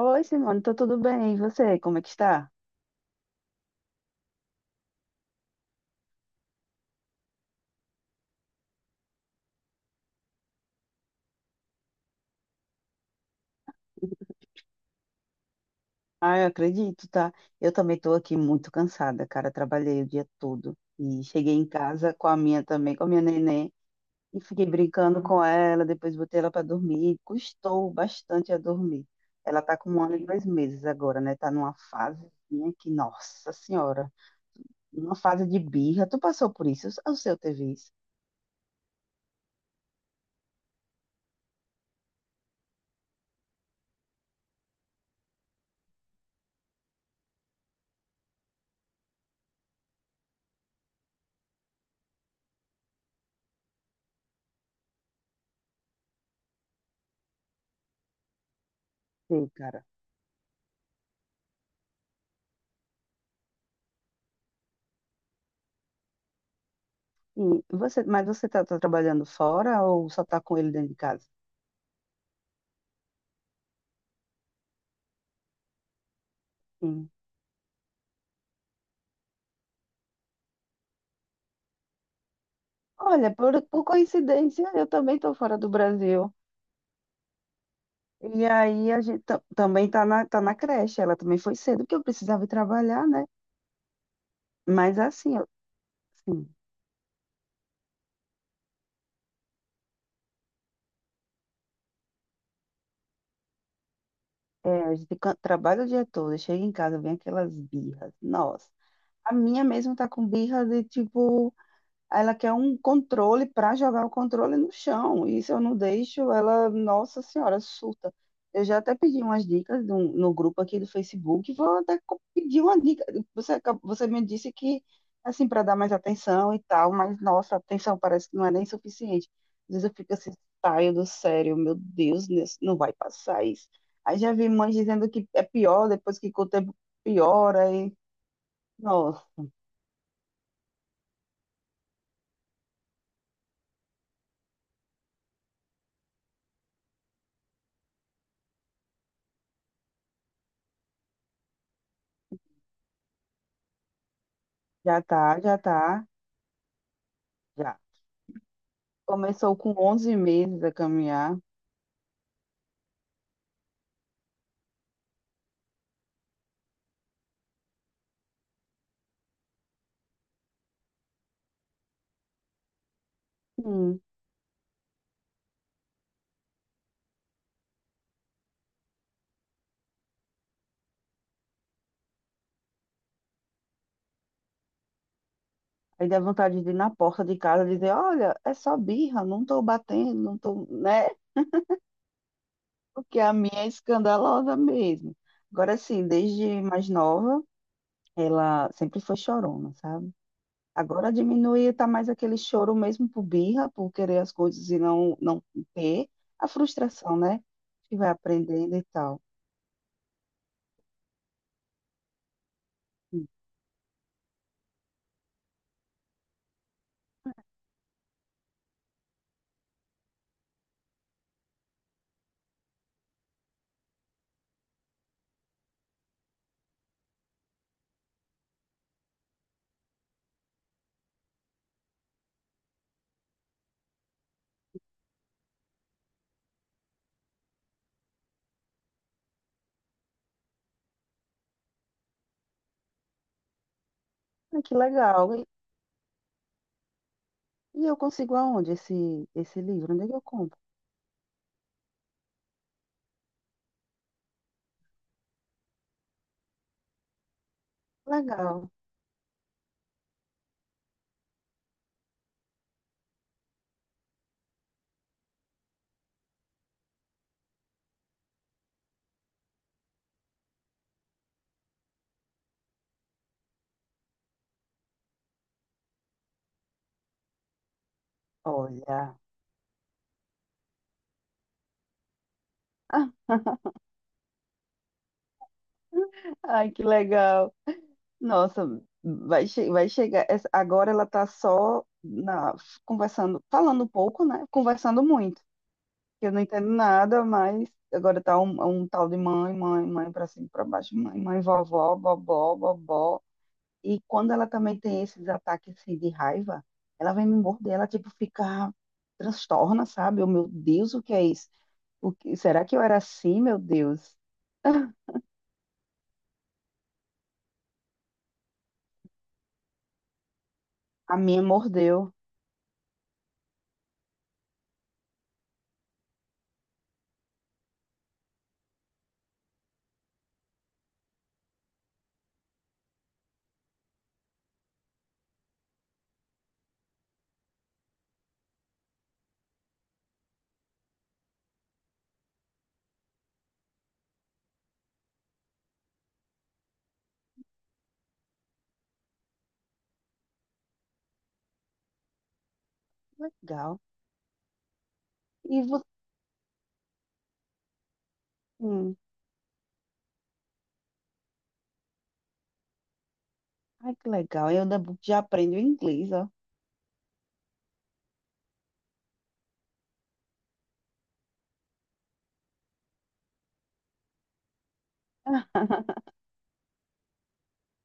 Oi, Simone, tô tudo bem? E você, como é que está? Ah, eu acredito, tá? Eu também tô aqui muito cansada, cara. Trabalhei o dia todo e cheguei em casa com a minha neném, e fiquei brincando com ela, depois botei ela para dormir. Custou bastante a dormir. Ela tá com 1 ano e 2 meses agora, né? Tá numa fase que, nossa senhora, uma fase de birra. Tu passou por isso? O seu teve isso? Sim, cara. E você, mas você tá trabalhando fora ou só tá com ele dentro de casa? Olha, por coincidência, eu também estou fora do Brasil. E aí a gente também tá na creche. Ela também foi cedo, porque eu precisava ir trabalhar, né? Mas assim, eu, assim, é, a gente trabalha o dia todo, chega em casa, vem aquelas birras. Nossa, a minha mesmo tá com birra de tipo. Ela quer um controle para jogar o controle no chão. E se eu não deixo, ela, nossa senhora, surta. Eu já até pedi umas dicas no, no grupo aqui do Facebook. Vou até pedir uma dica. Você me disse que, assim, para dar mais atenção e tal, mas nossa, a atenção parece que não é nem suficiente. Às vezes eu fico assim, saio do sério, meu Deus, não vai passar isso. Aí já vi mães dizendo que é pior, depois que com o tempo piora. Nossa, já tá, já tá. Já. Começou com 11 meses a caminhar. Hum. Aí dá vontade de ir na porta de casa e dizer, olha, é só birra, não tô batendo, não tô, né? Porque a minha é escandalosa mesmo. Agora sim, desde mais nova, ela sempre foi chorona, sabe? Agora diminui, tá mais aquele choro mesmo por birra, por querer as coisas e não ter. A frustração, né? Que vai aprendendo e tal. Hum. Ah, que legal. E eu consigo aonde esse livro? Onde é que eu compro? Legal. Olha. Ah, ai, que legal. Nossa, vai, vai chegar. Agora ela tá só conversando, falando um pouco, né? Conversando muito. Eu não entendo nada, mas agora tá um tal de mãe, mãe, mãe pra cima, e pra baixo, mãe, mãe, vovó, bobó, bobó. E quando ela também tem esses ataques assim, de raiva, ela vem me morder, ela tipo fica transtorna, sabe? Oh, meu Deus, o que é isso? Será que eu era assim, meu Deus? A minha mordeu. Legal. E você. Hum, ai, que legal. Eu ainda já aprendo inglês, ó.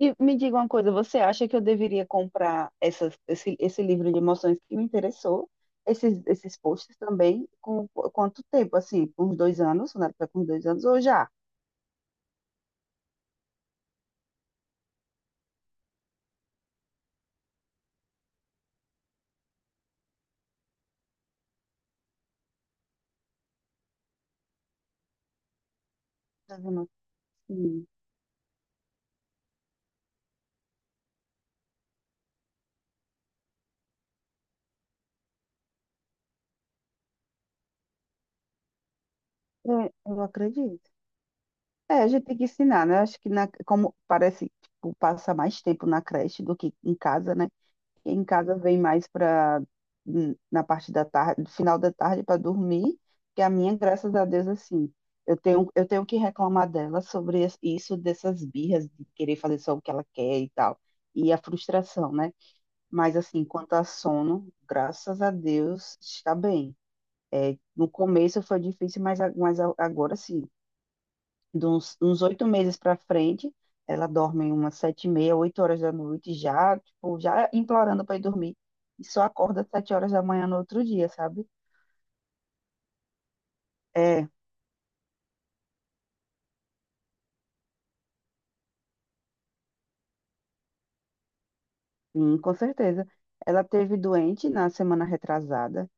E me diga uma coisa, você acha que eu deveria comprar esse livro de emoções que me interessou? Esses posts também? Com quanto tempo? Assim, com uns 2 anos? Na época, com 2 anos? Ou já? Tá vendo? Sim. É, eu acredito. É, a gente tem que ensinar, né? Acho que na, como parece, tipo, passa mais tempo na creche do que em casa, né? Em casa vem mais para na parte da tarde, final da tarde para dormir, que a minha, graças a Deus, assim, eu tenho que reclamar dela sobre isso, dessas birras de querer fazer só o que ela quer e tal, e a frustração, né? Mas assim, quanto a sono, graças a Deus, está bem. No começo foi difícil, mas, agora sim, de uns 8 meses para frente, ela dorme umas 7h30, 8 horas da noite, já, tipo, já implorando para ir dormir, e só acorda 7 horas da manhã no outro dia, sabe? É, sim, com certeza. Ela teve doente na semana retrasada,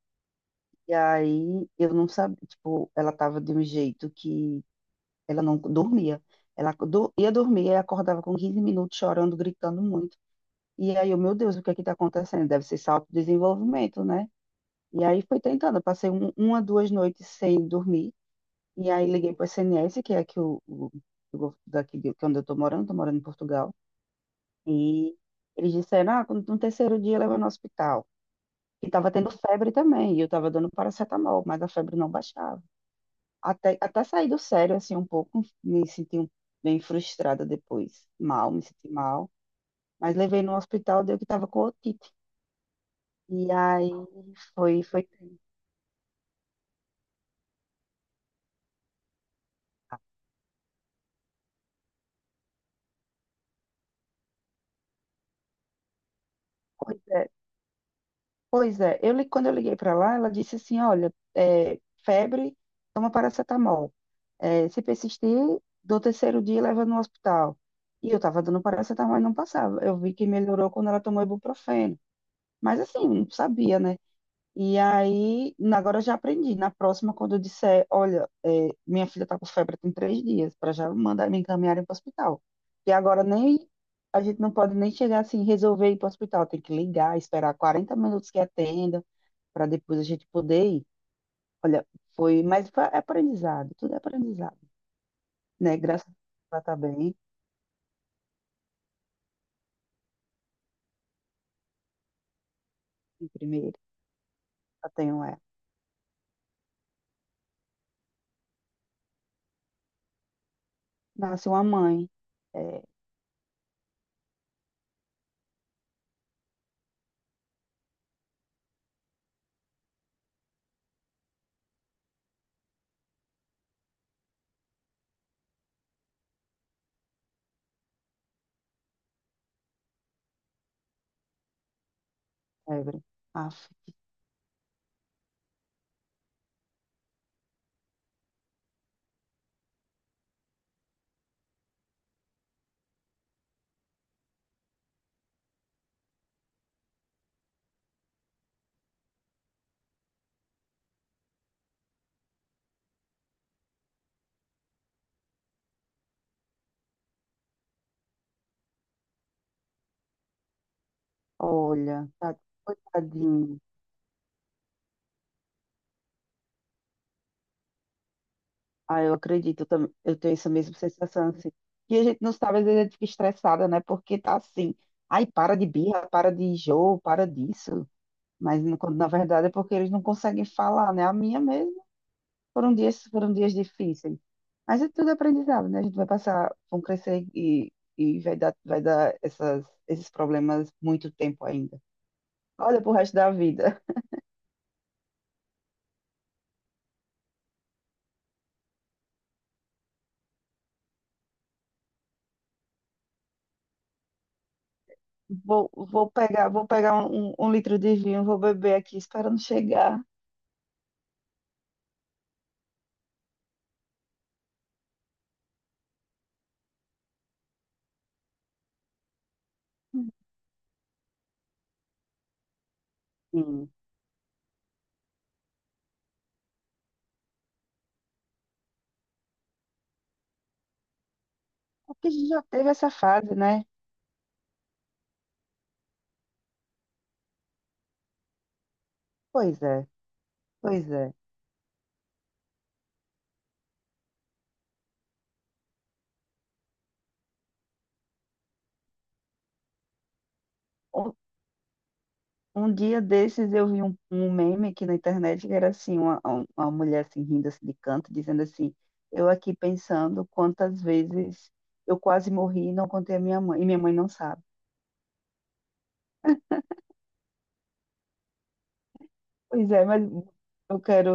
e aí eu não sabia, tipo, ela tava de um jeito que ela não dormia. Ela ia dormir e acordava com 15 minutos chorando, gritando muito. E aí, eu, meu Deus, o que é que tá acontecendo? Deve ser salto de desenvolvimento, né? E aí fui tentando, eu passei uma, 2 noites sem dormir, e aí liguei para o SNS, que é aqui daqui de, que é onde eu estou morando em Portugal, e eles disseram, ah, no terceiro dia leva no hospital. E estava tendo febre também, e eu estava dando paracetamol, mas a febre não baixava. Até sair do sério, assim, um pouco, me senti bem frustrada depois, mal, me senti mal. Mas levei no hospital, deu que estava com otite. E aí foi, foi, pois é, quando eu liguei para lá, ela disse assim, olha, é, febre, toma paracetamol. É, se persistir, do terceiro dia leva no hospital. E eu estava dando paracetamol e não passava. Eu vi que melhorou quando ela tomou ibuprofeno. Mas assim, não sabia, né? E aí, agora eu já aprendi. Na próxima, quando eu disser, olha, é, minha filha está com febre tem 3 dias, para já mandar me encaminharem para o hospital. E agora nem a gente não pode nem chegar assim, resolver ir para o hospital. Tem que ligar, esperar 40 minutos que atenda, para depois a gente poder ir. Olha, foi, mas foi aprendizado, tudo é aprendizado, né? Graças a Deus ela tá bem, em primeiro, eu tenho ela. Nasceu uma mãe, é, Evelyn. Aff, olha, tá, coitadinho. Ah, eu acredito, eu tenho essa mesma sensação, assim. E a gente não sabe, às vezes a gente fica estressada, né? Porque tá assim, ai, para de birra, para de jogo, para disso. Mas quando, na verdade é porque eles não conseguem falar, né? A minha mesmo, foram dias difíceis. Mas é tudo aprendizado, né? A gente vai passar, vão crescer e, vai dar essas, esses problemas muito tempo ainda. Olha pro resto da vida. Vou pegar um, um litro de vinho, vou beber aqui, esperando chegar. Sim. É, porque a gente já teve essa fase, né? Pois é, pois é. Um, um dia desses eu vi um meme aqui na internet que era assim, uma mulher assim rindo assim, de canto, dizendo assim, eu aqui pensando quantas vezes eu quase morri e não contei a minha mãe, e minha mãe não sabe. Pois é, mas eu quero.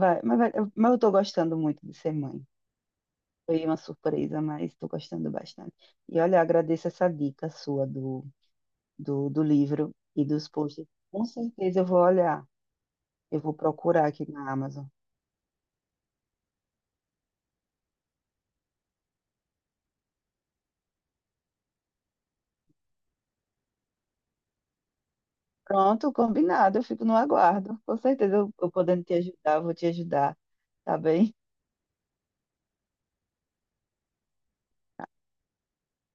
Vai, mas eu tô gostando muito de ser mãe. Foi uma surpresa, mas tô gostando bastante. E olha, agradeço essa dica sua do livro e dos posts. Com certeza eu vou olhar. Eu vou procurar aqui na Amazon. Pronto, combinado. Eu fico no aguardo. Com certeza eu podendo te ajudar, eu vou te ajudar. Tá bem?